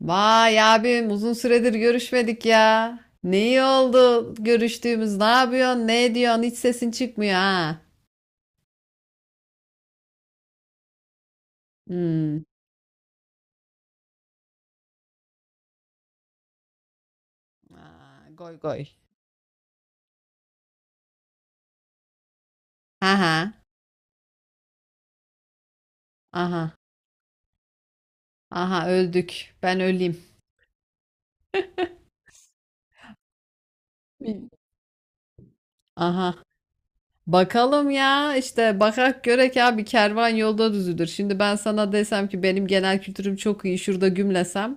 Vay abim uzun süredir görüşmedik ya. Ne iyi oldu görüştüğümüz. Ne yapıyorsun? Ne ediyorsun? Hiç sesin çıkmıyor ha. Hmm. Aa, goy goy. Aha. Aha. Aha öldük. Ben öleyim. Aha. Bakalım ya işte bakak görek abi, kervan yolda düzülür. Şimdi ben sana desem ki benim genel kültürüm çok iyi, şurada gümlesem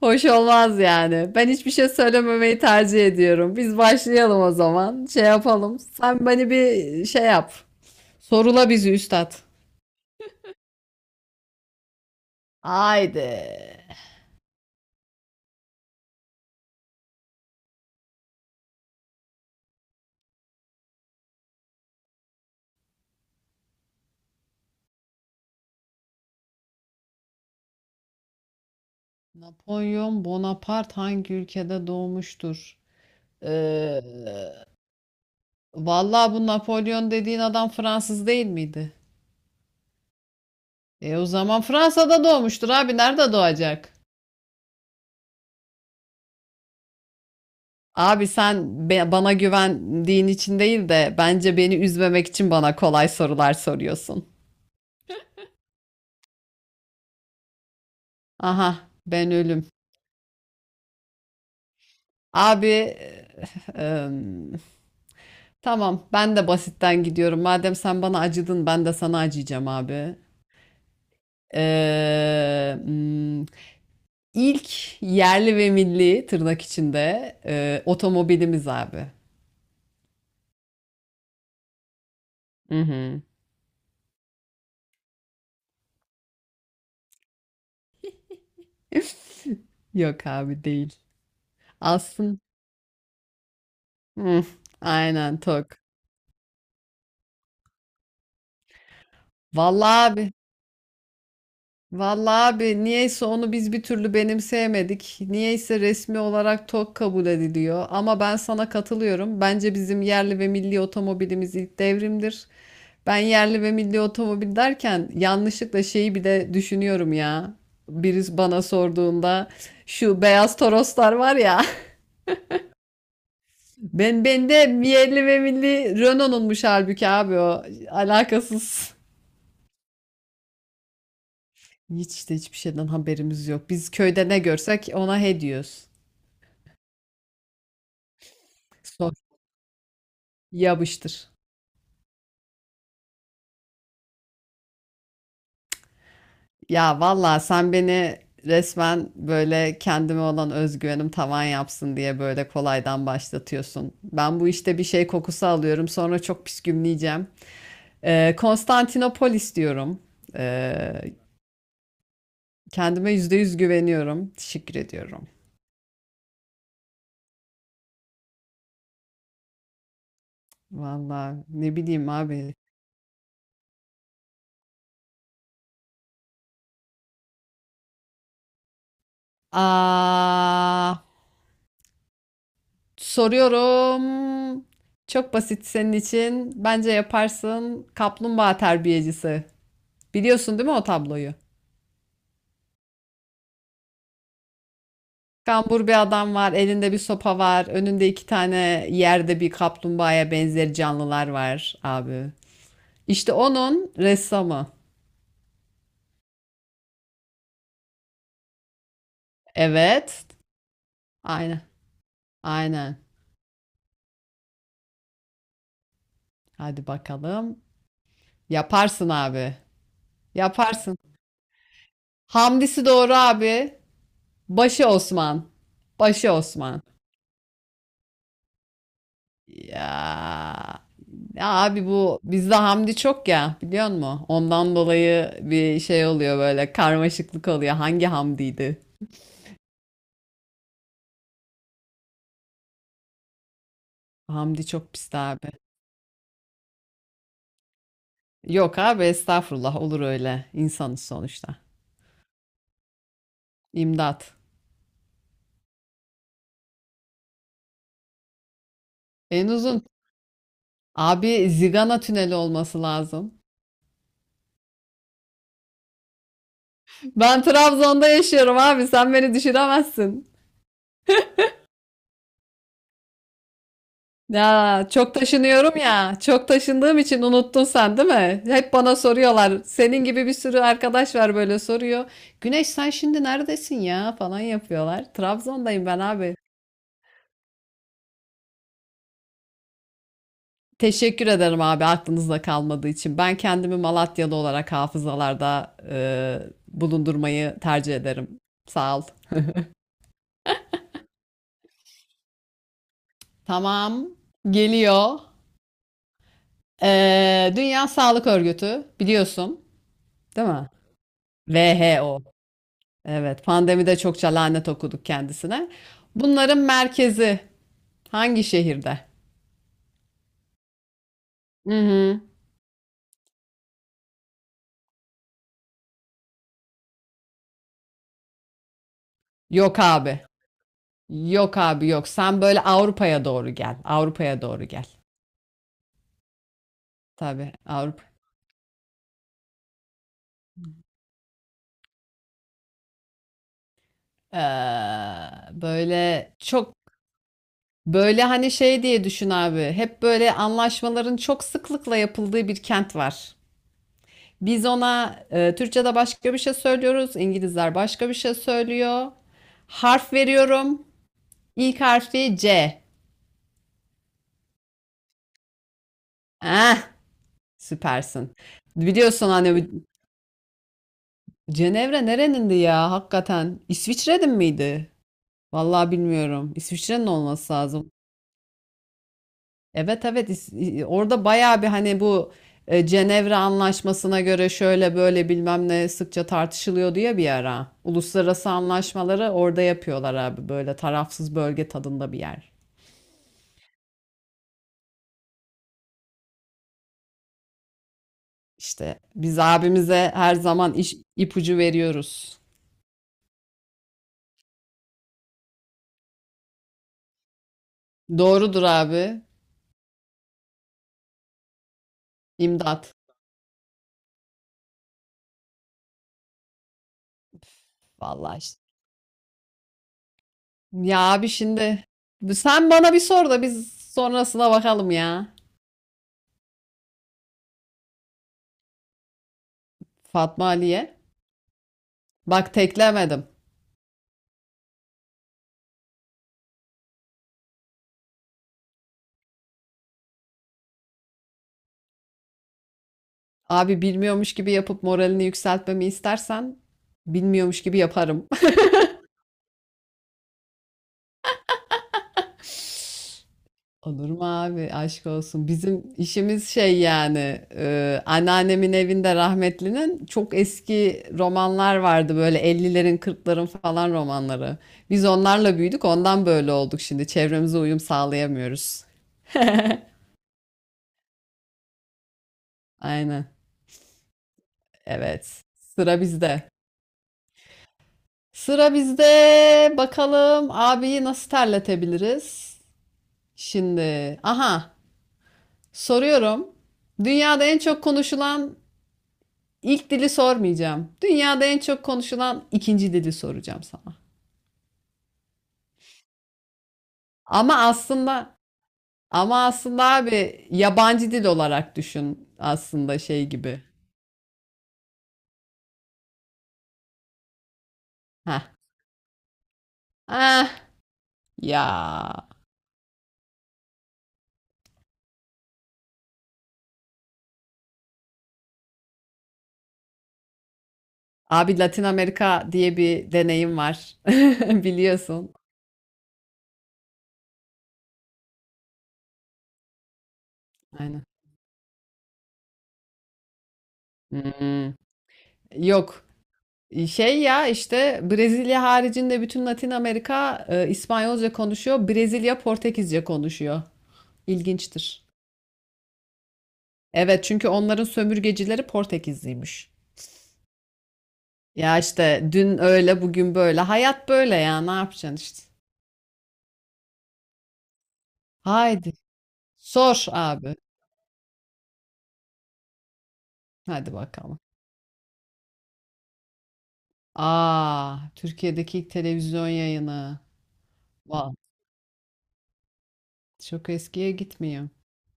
hoş olmaz yani. Ben hiçbir şey söylememeyi tercih ediyorum. Biz başlayalım o zaman. Şey yapalım. Sen beni bir şey yap. Sorula bizi üstad. Haydi. Napolyon Bonaparte hangi ülkede doğmuştur? Ee, vallahi bu Napolyon dediğin adam Fransız değil miydi? E o zaman Fransa'da doğmuştur abi. Nerede doğacak? Abi sen bana güvendiğin için değil de bence beni üzmemek için bana kolay sorular soruyorsun. Aha ben ölüm. Abi em, tamam ben de basitten gidiyorum. Madem sen bana acıdın ben de sana acıyacağım abi. Ee, hmm, ilk yerli ve milli, tırnak içinde, otomobilimiz abi. Hı hı. Yok abi değil. Aslında Hı, aynen tok. Vallahi abi Vallahi abi niyeyse onu biz bir türlü benimseyemedik. Niyeyse resmi olarak TOG kabul ediliyor. Ama ben sana katılıyorum. Bence bizim yerli ve milli otomobilimiz ilk devrimdir. Ben yerli ve milli otomobil derken yanlışlıkla şeyi bir de düşünüyorum ya. Birisi bana sorduğunda şu beyaz Toroslar var ya. Bende yerli ve milli Renault'unmuş halbuki abi o. Alakasız. Hiç işte, hiçbir şeyden haberimiz yok. Biz köyde ne görsek ona he diyoruz. Sor. Yapıştır. Ya vallahi sen beni resmen böyle, kendime olan özgüvenim tavan yapsın diye böyle kolaydan başlatıyorsun. Ben bu işte bir şey kokusu alıyorum, sonra çok püskümleyeceğim. Konstantinopolis diyorum. Ee, kendime %100 güveniyorum. Teşekkür ediyorum. Vallahi ne bileyim abi. Aa, soruyorum. Çok basit senin için. Bence yaparsın. Kaplumbağa terbiyecisi. Biliyorsun değil mi o tabloyu? Kambur bir adam var, elinde bir sopa var, önünde iki tane yerde bir kaplumbağaya benzer canlılar var abi. İşte onun ressamı. Evet. Aynen. Aynen. Hadi bakalım. Yaparsın abi. Yaparsın. Hamdisi doğru abi. Başı Osman. Başı Osman. Ya. Ya abi bu bizde Hamdi çok ya, biliyor musun? Ondan dolayı bir şey oluyor, böyle karmaşıklık oluyor. Hangi Hamdi'ydi? Hamdi çok pisti abi. Yok abi estağfurullah, olur öyle. İnsanız sonuçta. İmdat. En uzun. Abi Zigana tüneli olması lazım. Ben Trabzon'da yaşıyorum abi, sen beni düşüremezsin. Ya çok taşınıyorum ya. Çok taşındığım için unuttun sen değil mi? Hep bana soruyorlar. Senin gibi bir sürü arkadaş var böyle soruyor. Güneş sen şimdi neredesin ya falan yapıyorlar. Trabzon'dayım ben abi. Teşekkür ederim abi aklınızda kalmadığı için. Ben kendimi Malatyalı olarak hafızalarda bulundurmayı tercih ederim. Sağ ol. Tamam. Geliyor. E, Dünya Sağlık Örgütü biliyorsun, değil mi? WHO. Evet, pandemide çokça lanet okuduk kendisine. Bunların merkezi hangi şehirde? Hı hı. Yok abi. Yok abi, yok. Sen böyle Avrupa'ya doğru gel. Avrupa'ya doğru gel. Tabii Avrupa. Ee, böyle çok, böyle hani şey diye düşün abi. Hep böyle anlaşmaların çok sıklıkla yapıldığı bir kent var. Biz ona Türkçe'de başka bir şey söylüyoruz. İngilizler başka bir şey söylüyor. Harf veriyorum. İlk harfi C. Eh, süpersin. Biliyorsun hani bu- Cenevre nerenindi ya hakikaten? İsviçre'nin miydi? Vallahi bilmiyorum. İsviçre'nin olması lazım. Evet, evet, orada bayağı bir, hani bu Cenevre Anlaşması'na göre şöyle böyle bilmem ne sıkça tartışılıyor diye bir ara. Uluslararası anlaşmaları orada yapıyorlar abi, böyle tarafsız bölge tadında bir yer. İşte biz abimize her zaman iş, ipucu veriyoruz. Doğrudur abi. İmdat. Vallahi işte. Ya abi şimdi sen bana bir sor da biz sonrasına bakalım ya. Fatma Ali'ye. Bak teklemedim. Abi bilmiyormuş gibi yapıp moralini yükseltmemi istersen bilmiyormuş gibi yaparım. Olur mu abi, aşk olsun. Bizim işimiz şey yani, anneannemin evinde, rahmetlinin, çok eski romanlar vardı böyle, 50'lerin 40'ların falan romanları. Biz onlarla büyüdük, ondan böyle olduk, şimdi çevremize uyum sağlayamıyoruz. Aynen. Evet. Sıra bizde. Sıra bizde. Bakalım abiyi nasıl terletebiliriz? Şimdi. Aha. Soruyorum. Dünyada en çok konuşulan ilk dili sormayacağım. Dünyada en çok konuşulan ikinci dili soracağım sana. Ama aslında ama aslında abi yabancı dil olarak düşün, aslında şey gibi. Heh. Ah ya. Abi Latin Amerika diye bir deneyim var. Biliyorsun. Aynen. Hmm. Yok. Şey ya, işte Brezilya haricinde bütün Latin Amerika İspanyolca konuşuyor. Brezilya Portekizce konuşuyor. İlginçtir. Evet, çünkü onların sömürgecileri Portekizliymiş. Ya işte, dün öyle bugün böyle. Hayat böyle ya, ne yapacaksın işte. Haydi sor abi. Hadi bakalım. Aa, Türkiye'deki ilk televizyon yayını. Vallahi çok eskiye gitmiyor.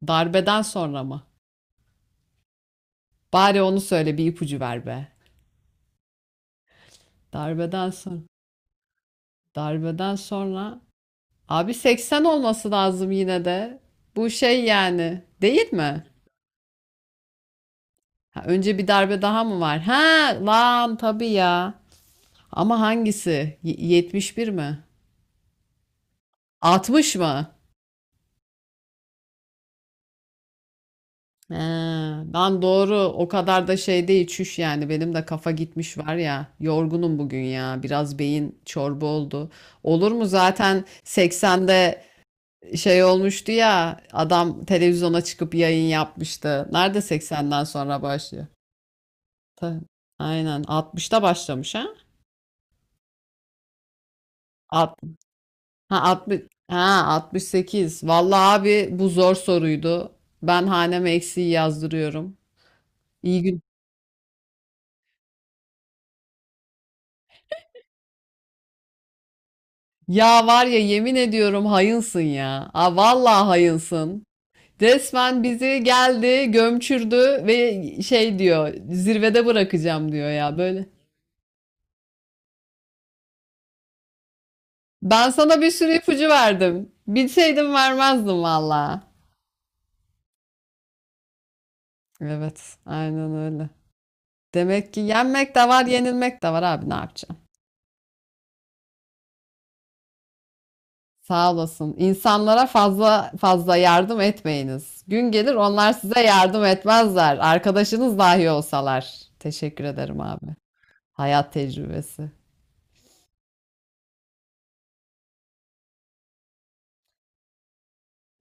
Darbeden sonra mı? Bari onu söyle, bir ipucu ver be. Darbeden sonra. Darbeden sonra abi 80 olması lazım yine de. Bu şey yani, değil mi? Ha, önce bir darbe daha mı var? Ha lan tabii ya. Ama hangisi? 71 mi? 60 mı? He, lan doğru, o kadar da şey değil, çüş yani benim de kafa gitmiş var ya, yorgunum bugün ya, biraz beyin çorba oldu. Olur mu, zaten 80'de şey olmuştu ya, adam televizyona çıkıp yayın yapmıştı. Nerede 80'den sonra başlıyor? Ta- Aynen 60'ta başlamış ha? Alt- ha 60 ha 68. Vallahi abi bu zor soruydu. Ben haneme eksiği yazdırıyorum. İyi gün. Ya var ya, yemin ediyorum hayınsın ya. Aa, vallahi hayınsın. Resmen bizi geldi, gömçürdü ve şey diyor, zirvede bırakacağım diyor ya böyle. Ben sana bir sürü ipucu verdim. Bilseydim vermezdim valla. Evet, aynen öyle. Demek ki yenmek de var, yenilmek de var abi, ne yapacağım? Sağ olasın. İnsanlara fazla fazla yardım etmeyiniz. Gün gelir onlar size yardım etmezler. Arkadaşınız dahi olsalar. Teşekkür ederim abi. Hayat tecrübesi.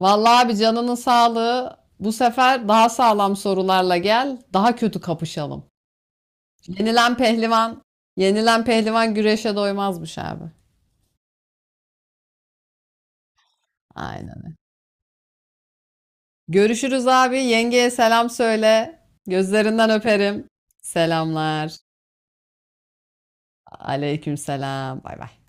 Vallahi abi canının sağlığı. Bu sefer daha sağlam sorularla gel. Daha kötü kapışalım. Yenilen pehlivan, yenilen pehlivan güreşe doymazmış abi. Aynen öyle. Görüşürüz abi. Yengeye selam söyle. Gözlerinden öperim. Selamlar. Aleyküm selam. Bay bay.